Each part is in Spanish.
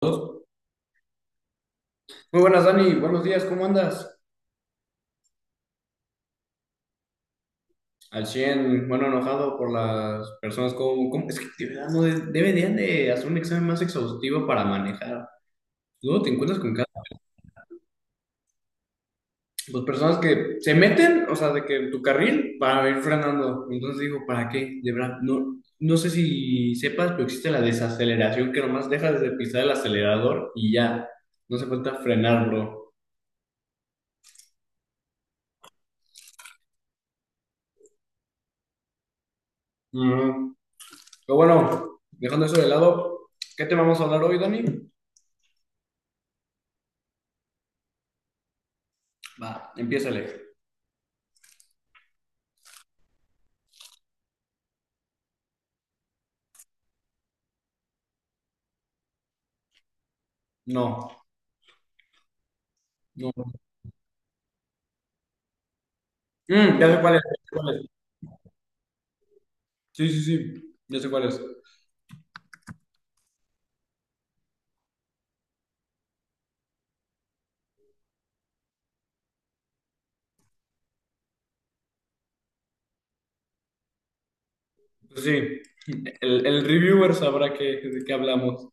Dos. Muy buenas, Dani. Buenos días, ¿cómo andas? Al 100, bueno, enojado por las personas es que de verdad no deberían de hacer un examen más exhaustivo para manejar. Luego te encuentras con cada... Pues personas que se meten, o sea, de que en tu carril para ir frenando. Entonces digo, ¿para qué? De verdad, no, no sé si sepas, pero existe la desaceleración que nomás dejas de pisar el acelerador y ya. No se falta frenar, bro. Ujú. Pero bueno, dejando eso de lado, ¿qué te vamos a hablar hoy, Dani? Va, empiézale. No, no. Ya sé cuál es, ya sé cuál es. Sí, sí, sí, ya sé cuál es. Pues sí, el reviewer sabrá de qué hablamos.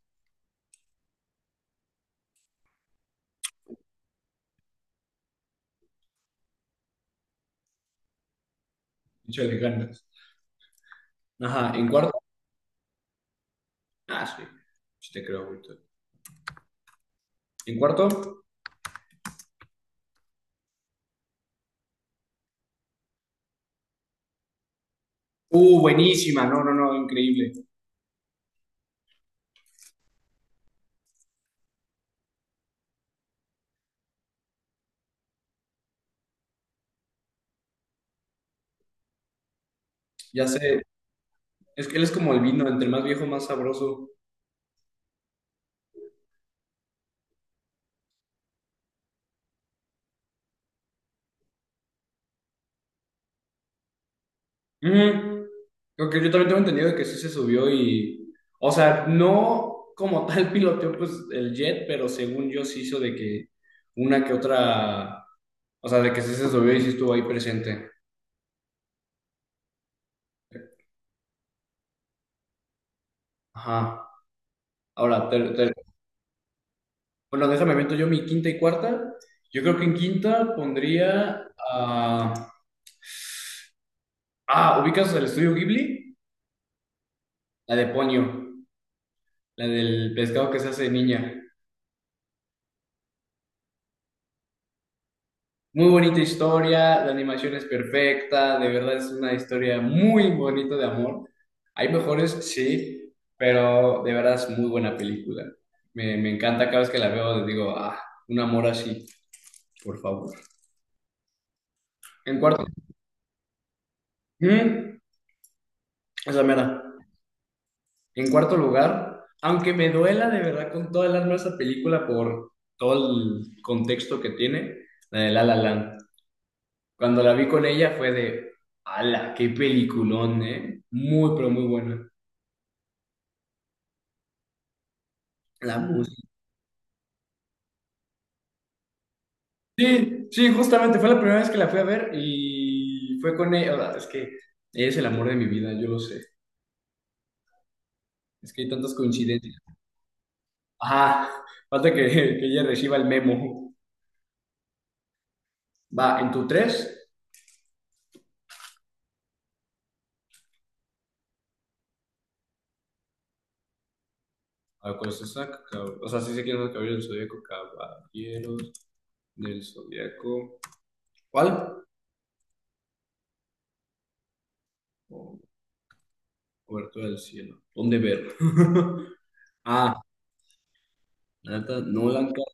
Mucho de ganas. Ajá, en cuarto. Ah, sí, sí te creo, ahorita. En cuarto. Buenísima, no, no, no, increíble. Ya sé, es que él es como el vino, entre más viejo, más sabroso. Ujú. Creo que yo también tengo entendido de que sí se subió y, o sea, no como tal piloteó pues el jet, pero según yo sí hizo de que una que otra, o sea, de que sí se subió y sí estuvo ahí presente. Ajá. Ahora, bueno, déjame meto yo mi quinta y cuarta. Yo creo que en quinta pondría a... Ah, ¿ubicas el estudio Ghibli? La de Ponyo, la del pescado que se hace de niña. Muy bonita historia, la animación es perfecta, de verdad es una historia muy bonita de amor. Hay mejores, sí, pero de verdad es muy buena película. Me encanta cada vez que la veo, digo, ah, un amor así, por favor. En cuarto. Mm, esa mera. En cuarto lugar, aunque me duela de verdad con toda el alma esa película por todo el contexto que tiene, la de La La Land. Cuando la vi con ella fue de, ala, qué peliculón, ¿eh? Muy, pero muy buena. La música. Sí, sí, justamente fue la primera vez que la fui a ver y fue con ella. O sea, es que ella es el amor de mi vida, yo lo sé. Es que hay tantas coincidencias. Ajá, falta que ella reciba el memo. Va, en tu tres. A ver, ¿cuál es esa? O sea, sí sé quién es el caballero del zodiaco. Caballeros del zodiaco. ¿Cuál? O- Obertura del cielo. ¿Dónde ver? ah La neta, no ca-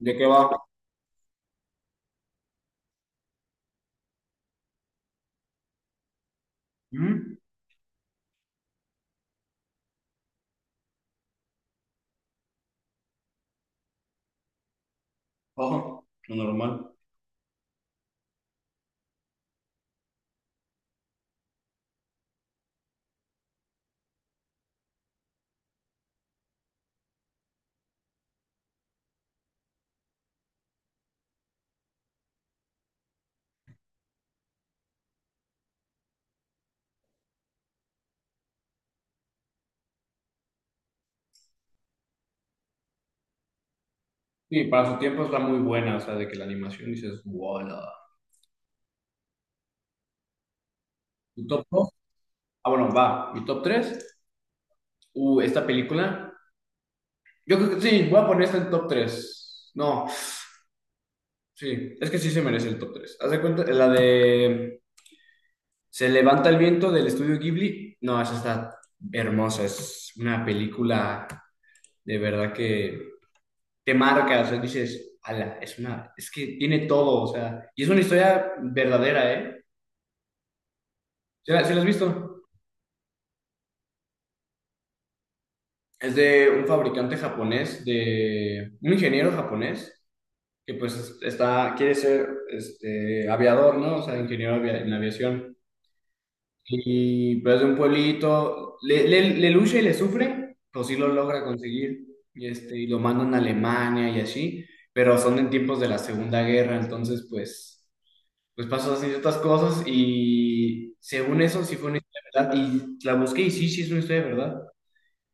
¿De qué va? ¿Mm? Ojo, lo normal. Sí, para su tiempo está muy buena, o sea, de que la animación dices, ¡Wala! ¿Tu top dos? Ah, bueno, va. ¿Mi top tres? Esta película. Yo creo que sí, voy a poner esta en top tres. No, sí, es que sí se merece el top tres. Haz de cuenta, la de Se levanta el viento del estudio Ghibli. No, esa está hermosa, es una película de verdad que te marca, o sea, dices, ala, es una, es que tiene todo, o sea, y es una historia verdadera, ¿eh? ¿Se la has visto? Es de un fabricante japonés, de un ingeniero japonés, que pues está, quiere ser este, aviador, ¿no? O sea, ingeniero en aviación. Y pues de un pueblito, le lucha y le sufre, pues sí lo logra conseguir, y lo mandan a Alemania y así, pero son en tiempos de la Segunda Guerra, entonces pues... pues pasó así otras cosas y según eso sí fue una historia de verdad y la busqué y sí, sí es una historia de verdad.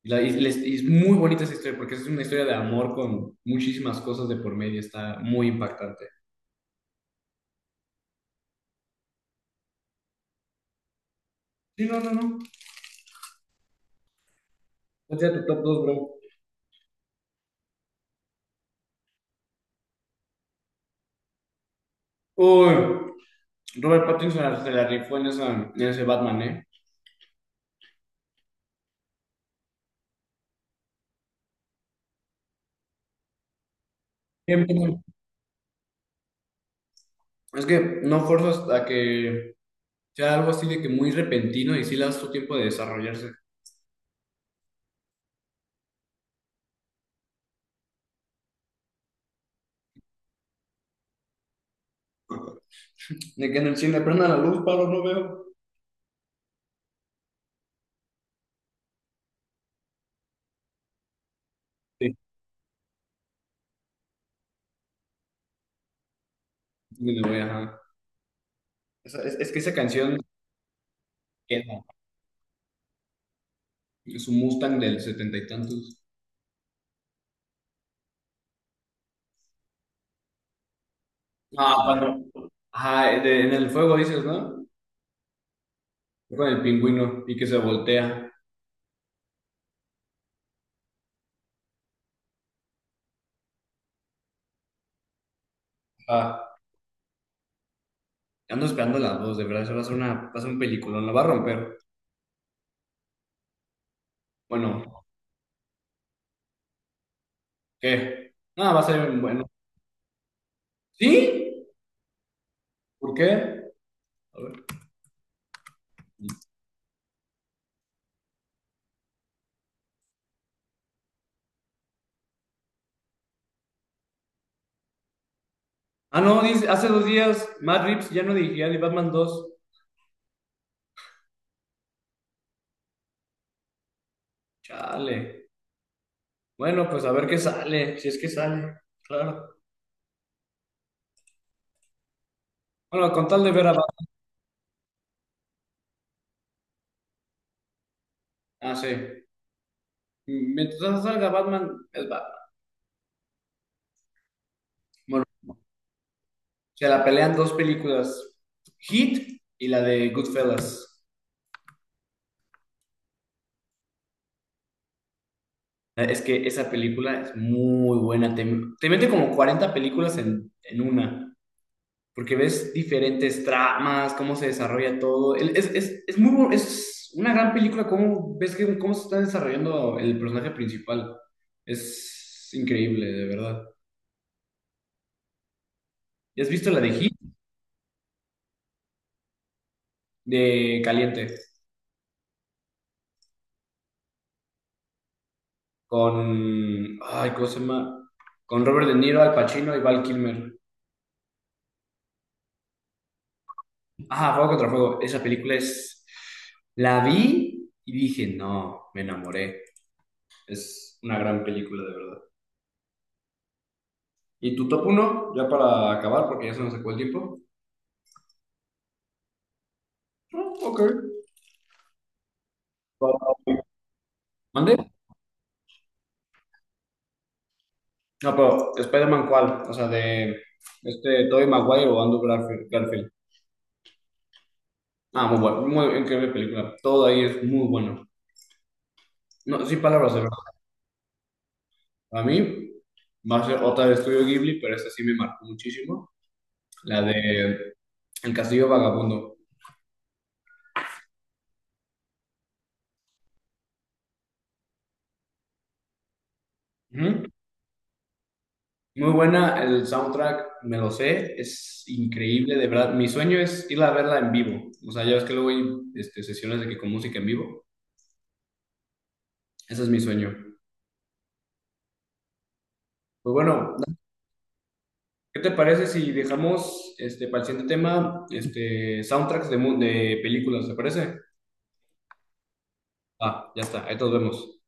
Y es muy bonita esa historia porque es una historia de amor con muchísimas cosas de por medio, está muy impactante. Sí, no, no, no. Vete a tu top dos, bro. Uy, Robert Pattinson se la rifó en, en ese Batman, ¿eh? Bien, bien. Es que no forzas a que sea algo así de que muy repentino y sí le das tu tiempo de desarrollarse. De que en el cine prenda la luz, paro, no veo. Sí, sí, me voy, ajá. Es que esa canción queda. Es un Mustang del setenta y tantos. Ah, cuando. Ajá, en el fuego dices, ¿no? Con el pingüino y que se voltea. Ah, ando esperando las dos, de verdad. Eso va a ser un peliculón, lo va a romper. Bueno, ¿qué? Ah, va a ser un bueno. ¿Sí? ¿Por qué? A ver. Ah, no, dice, hace dos días Matt Reeves ya no dirigía ni Batman 2. Chale. Bueno, pues a ver qué sale, si es que sale. Claro. Bueno, con tal de ver a Batman. Ah, sí. Mientras no salga Batman, es Batman. Bueno, se la pelean dos películas, Heat y la de Goodfellas. Es que esa película es muy buena. Te mete como 40 películas en una, porque ves diferentes tramas, cómo se desarrolla todo. Es muy, es una gran película, cómo ves cómo se está desarrollando el personaje principal. Es increíble, de verdad. ¿Ya has visto la de Heat? De Caliente. Con, ay, ¿cómo se llama? Con Robert De Niro, Al Pacino y Val Kilmer. Ah, Fuego contra Fuego. Esa película es, la vi y dije, no, me enamoré. Es una gran película, de verdad. ¿Y tu top uno? Ya para acabar, porque ya se nos sacó el tiempo. Ah, ok. ¿Mande? No, pero Spider-Man, ¿cuál? O sea, de este Tobey Maguire o Andrew Garfield. Garfield. Ah, muy bueno, muy increíble película. Todo ahí es muy bueno. No, sin palabras, de. A mí, va a ser otra de Estudio Ghibli, pero esta sí me marcó muchísimo, la de El Castillo Vagabundo. Ujú. Muy buena, el soundtrack me lo sé, es increíble, de verdad. Mi sueño es ir a verla en vivo. O sea, ya ves que luego hay este, sesiones de que con música en vivo. Ese es mi sueño. Pues bueno, ¿qué te parece si dejamos este, para el siguiente tema este, soundtracks de películas? ¿Te parece? Ah, ya está, ahí nos vemos.